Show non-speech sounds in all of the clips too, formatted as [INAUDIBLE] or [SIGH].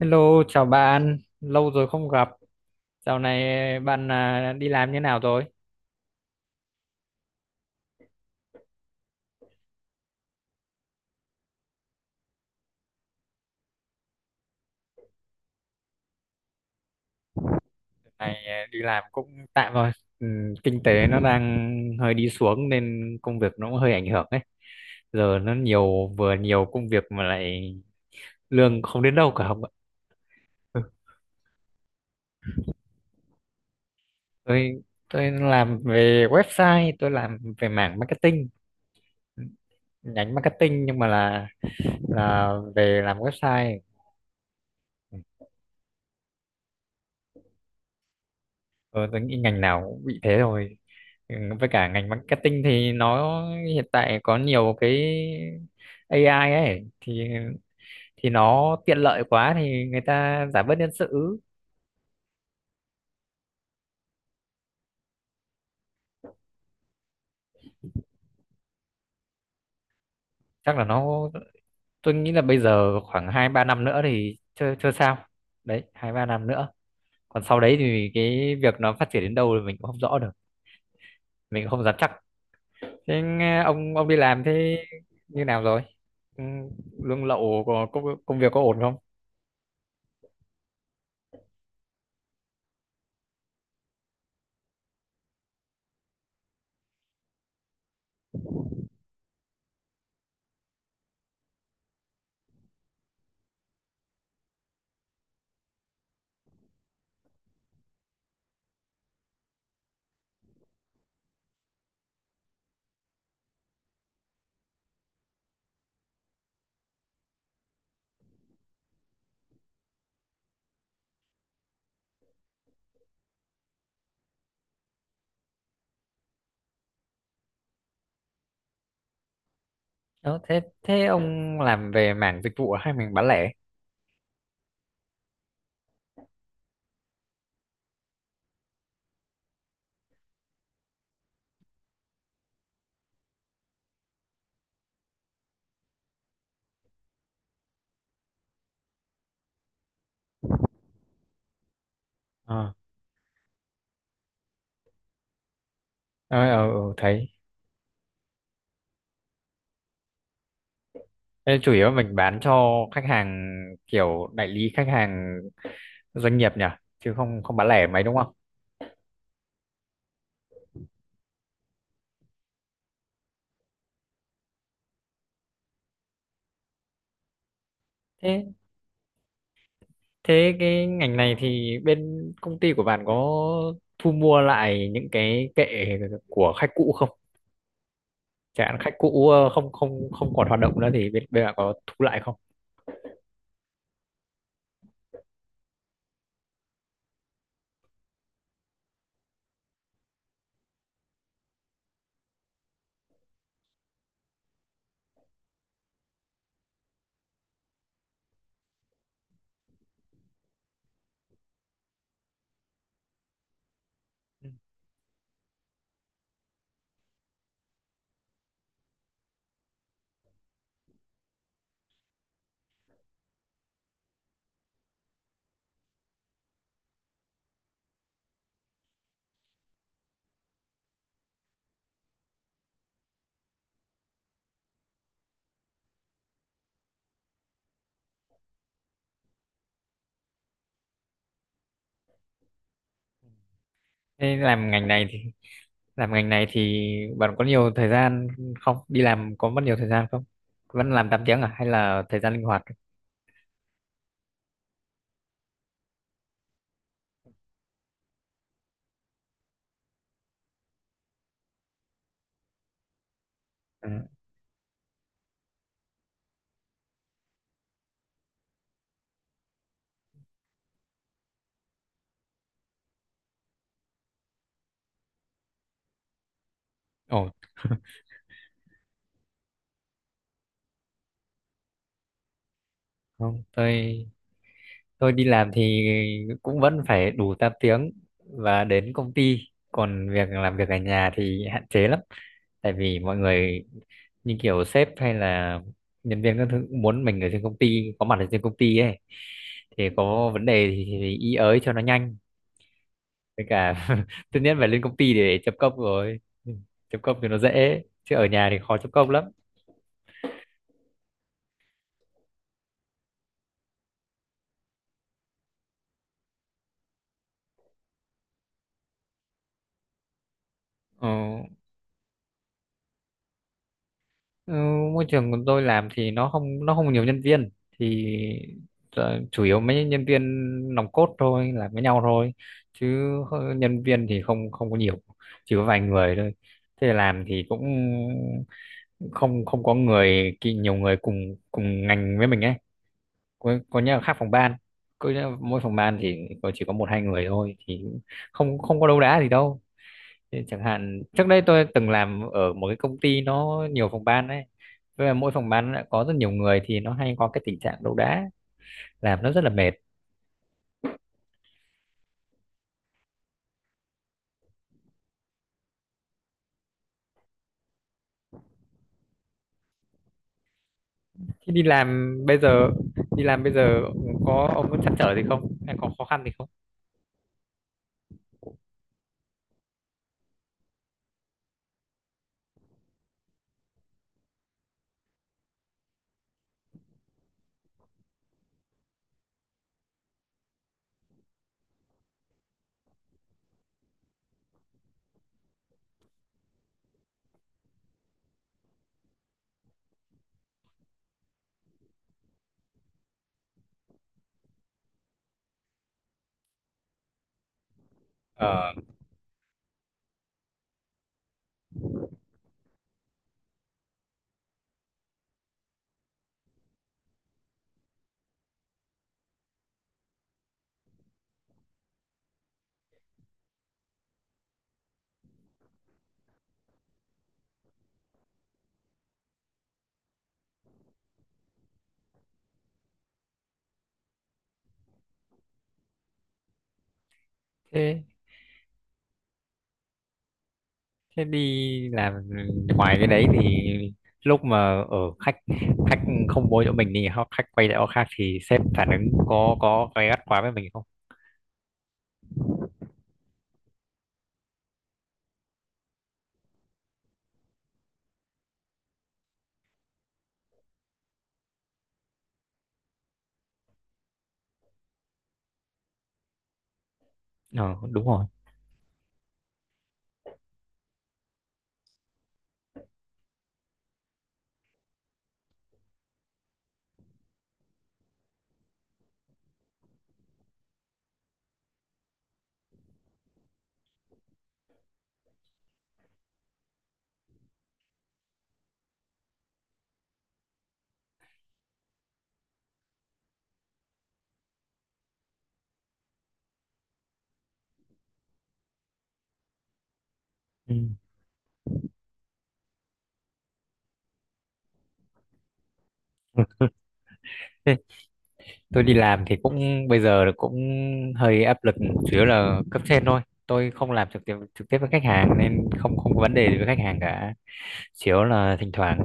Hello, chào bạn. Lâu rồi không gặp. Dạo này bạn à, đi làm như nào rồi? Dạo này à, đi làm cũng tạm rồi. Ừ, kinh tế nó đang hơi đi xuống nên công việc nó cũng hơi ảnh hưởng ấy. Giờ nó nhiều vừa nhiều công việc mà lại lương không đến đâu cả không ạ. Ừ, Tôi tôi làm về website, tôi làm về mảng marketing, nhánh marketing nhưng mà là về làm website. Ờ, tôi nghĩ ngành nào cũng bị thế rồi. Ừ, với cả ngành marketing thì nó hiện tại có nhiều cái AI ấy thì nó tiện lợi quá thì người ta giảm bớt nhân sự. Chắc là nó, tôi nghĩ là bây giờ khoảng hai ba năm nữa thì chưa chưa sao đấy, hai ba năm nữa, còn sau đấy thì cái việc nó phát triển đến đâu thì mình cũng không rõ được, mình cũng không dám chắc. Thế nghe ông đi làm thế như nào rồi? Ừ, lương lậu có công, công việc có ổn không? Đó, thế thế ông làm về mảng dịch vụ hay mình bán lẻ? Ờ, ờ, ờ, ờ, thấy. Thế chủ yếu mình bán cho khách hàng kiểu đại lý, khách hàng doanh nghiệp nhỉ, chứ không không bán lẻ mấy đúng không? Thế thế cái ngành này thì bên công ty của bạn có thu mua lại những cái kệ của khách cũ không? Chẳng hạn khách cũ ờ, không không không còn hoạt động nữa thì bên bên bạn có thu lại không? Ừ. Thế làm ngành này thì làm ngành này thì bạn có nhiều thời gian không, đi làm có mất nhiều thời gian không, vẫn làm 8 tiếng à hay là thời gian linh hoạt? Ừ. ồ không, tôi đi làm thì cũng vẫn phải đủ 8 tiếng và đến công ty, còn việc làm việc ở nhà thì hạn chế lắm, tại vì mọi người như kiểu sếp hay là nhân viên các thứ cũng muốn mình ở trên công ty, có mặt ở trên công ty ấy, thì có vấn đề thì ý ới cho nó nhanh. Với cả [LAUGHS] tất nhiên phải lên công ty để chấm công rồi, chấm công thì nó dễ chứ ở nhà thì khó chấm công lắm. Ờ, ừ, môi trường của tôi làm thì nó không nhiều nhân viên thì ờ, chủ yếu mấy nhân viên nòng cốt thôi làm với nhau thôi, chứ nhân viên thì không không có nhiều, chỉ có vài người thôi. Thế làm thì cũng không không có nhiều người cùng cùng ngành với mình ấy, có nhà khác phòng ban, mỗi phòng ban thì có chỉ có một hai người thôi thì không không có đấu đá gì đâu. Thế chẳng hạn trước đây tôi từng làm ở một cái công ty nó nhiều phòng ban đấy, với là mỗi phòng ban lại có rất nhiều người thì nó hay có cái tình trạng đấu đá, làm nó rất là mệt. Thế đi làm bây giờ đi làm bây giờ có ông có trăn trở gì không hay có khó khăn gì không? Ờ thế. Thế đi làm ngoài cái đấy thì lúc mà ở khách khách không bố chỗ mình thì họ khách quay lại chỗ khác thì sếp phản ứng có gay gắt quá với mình không? Ờ đúng rồi. Ừ. Tôi đi làm thì cũng bây giờ là cũng hơi áp lực, chủ yếu là cấp trên thôi, tôi không làm trực tiếp với khách hàng nên không không có vấn đề gì với khách hàng cả. Chủ yếu là thỉnh thoảng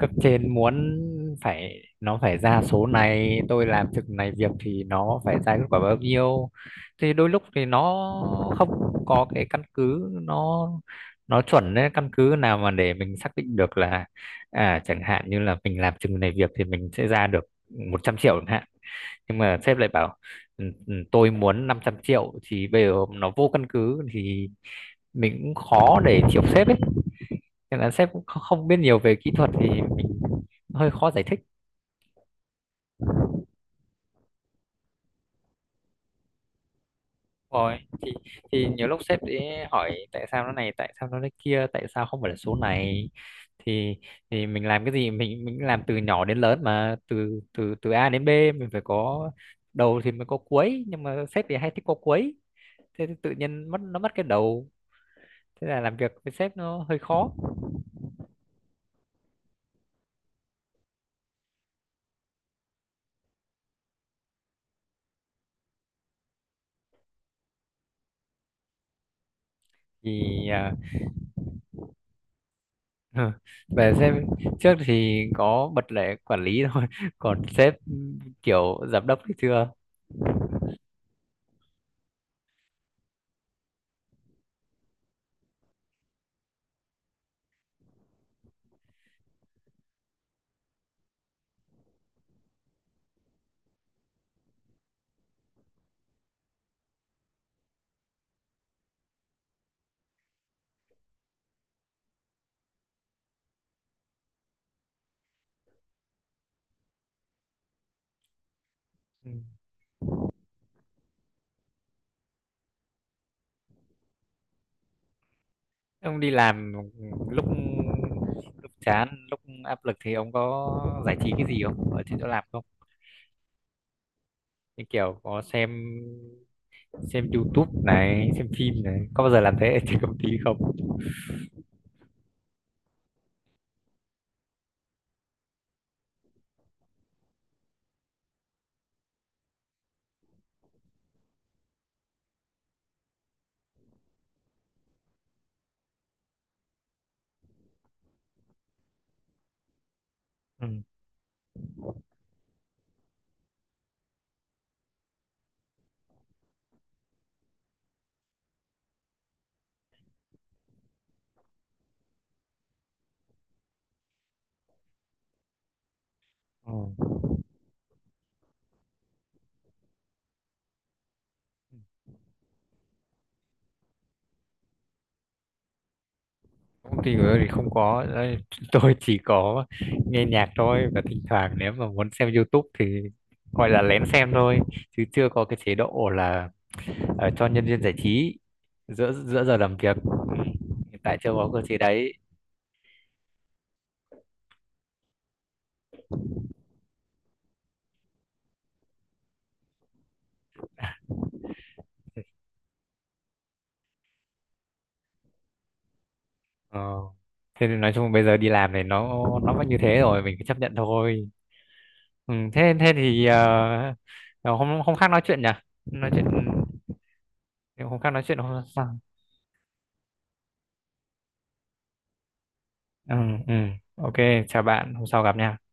cấp trên muốn phải nó phải ra số này, tôi làm trực này việc thì nó phải ra kết quả bao nhiêu, thì đôi lúc thì nó không có cái căn cứ nó chuẩn đấy, căn cứ nào mà để mình xác định được là à chẳng hạn như là mình làm chừng này việc thì mình sẽ ra được 100 triệu chẳng hạn, nhưng mà sếp lại bảo "Ừ, ừ, tôi muốn 500 triệu" thì bây giờ nó vô căn cứ thì mình cũng khó để chịu sếp ấy, nên là sếp cũng không biết nhiều về kỹ thuật thì mình hơi khó giải thích. Rồi thì nhiều lúc sếp ấy hỏi tại sao nó này, tại sao nó thế kia, tại sao không phải là số này, thì thì mình làm cái gì, mình làm từ nhỏ đến lớn mà từ từ từ A đến B, mình phải có đầu thì mới có cuối, nhưng mà sếp thì hay thích có cuối, thế thì tự nhiên mất cái đầu, thế là làm việc với sếp nó hơi khó. thì à, [LAUGHS] Về sếp trước thì có bật lệ quản lý thôi, [LAUGHS] còn sếp kiểu giám đốc thì chưa. Ừ. Ông đi làm lúc lúc chán lúc áp lực thì ông có giải trí cái gì không ở trên chỗ làm không, như kiểu có xem YouTube này, xem phim này, có bao giờ làm thế ở trên công ty không? Ừ. Ừ. Công ty của tôi thì không có đấy, tôi chỉ có nghe nhạc thôi, và thỉnh thoảng nếu mà muốn xem YouTube thì gọi là lén xem thôi, chứ chưa có cái chế độ là ờ, cho nhân viên giải trí giữa giữa giờ làm việc. Ừ, hiện tại chưa có cơ chế đấy. Ờ, thế nên nói chung bây giờ đi làm này nó vẫn như thế rồi, mình cứ chấp nhận thôi. Ừ, thế thế thì ờ, ờ, hôm hôm khác nói chuyện nhỉ, nói chuyện hôm khác, nói chuyện hôm sau. Ừ, ừ. OK, chào bạn, hôm sau gặp nha.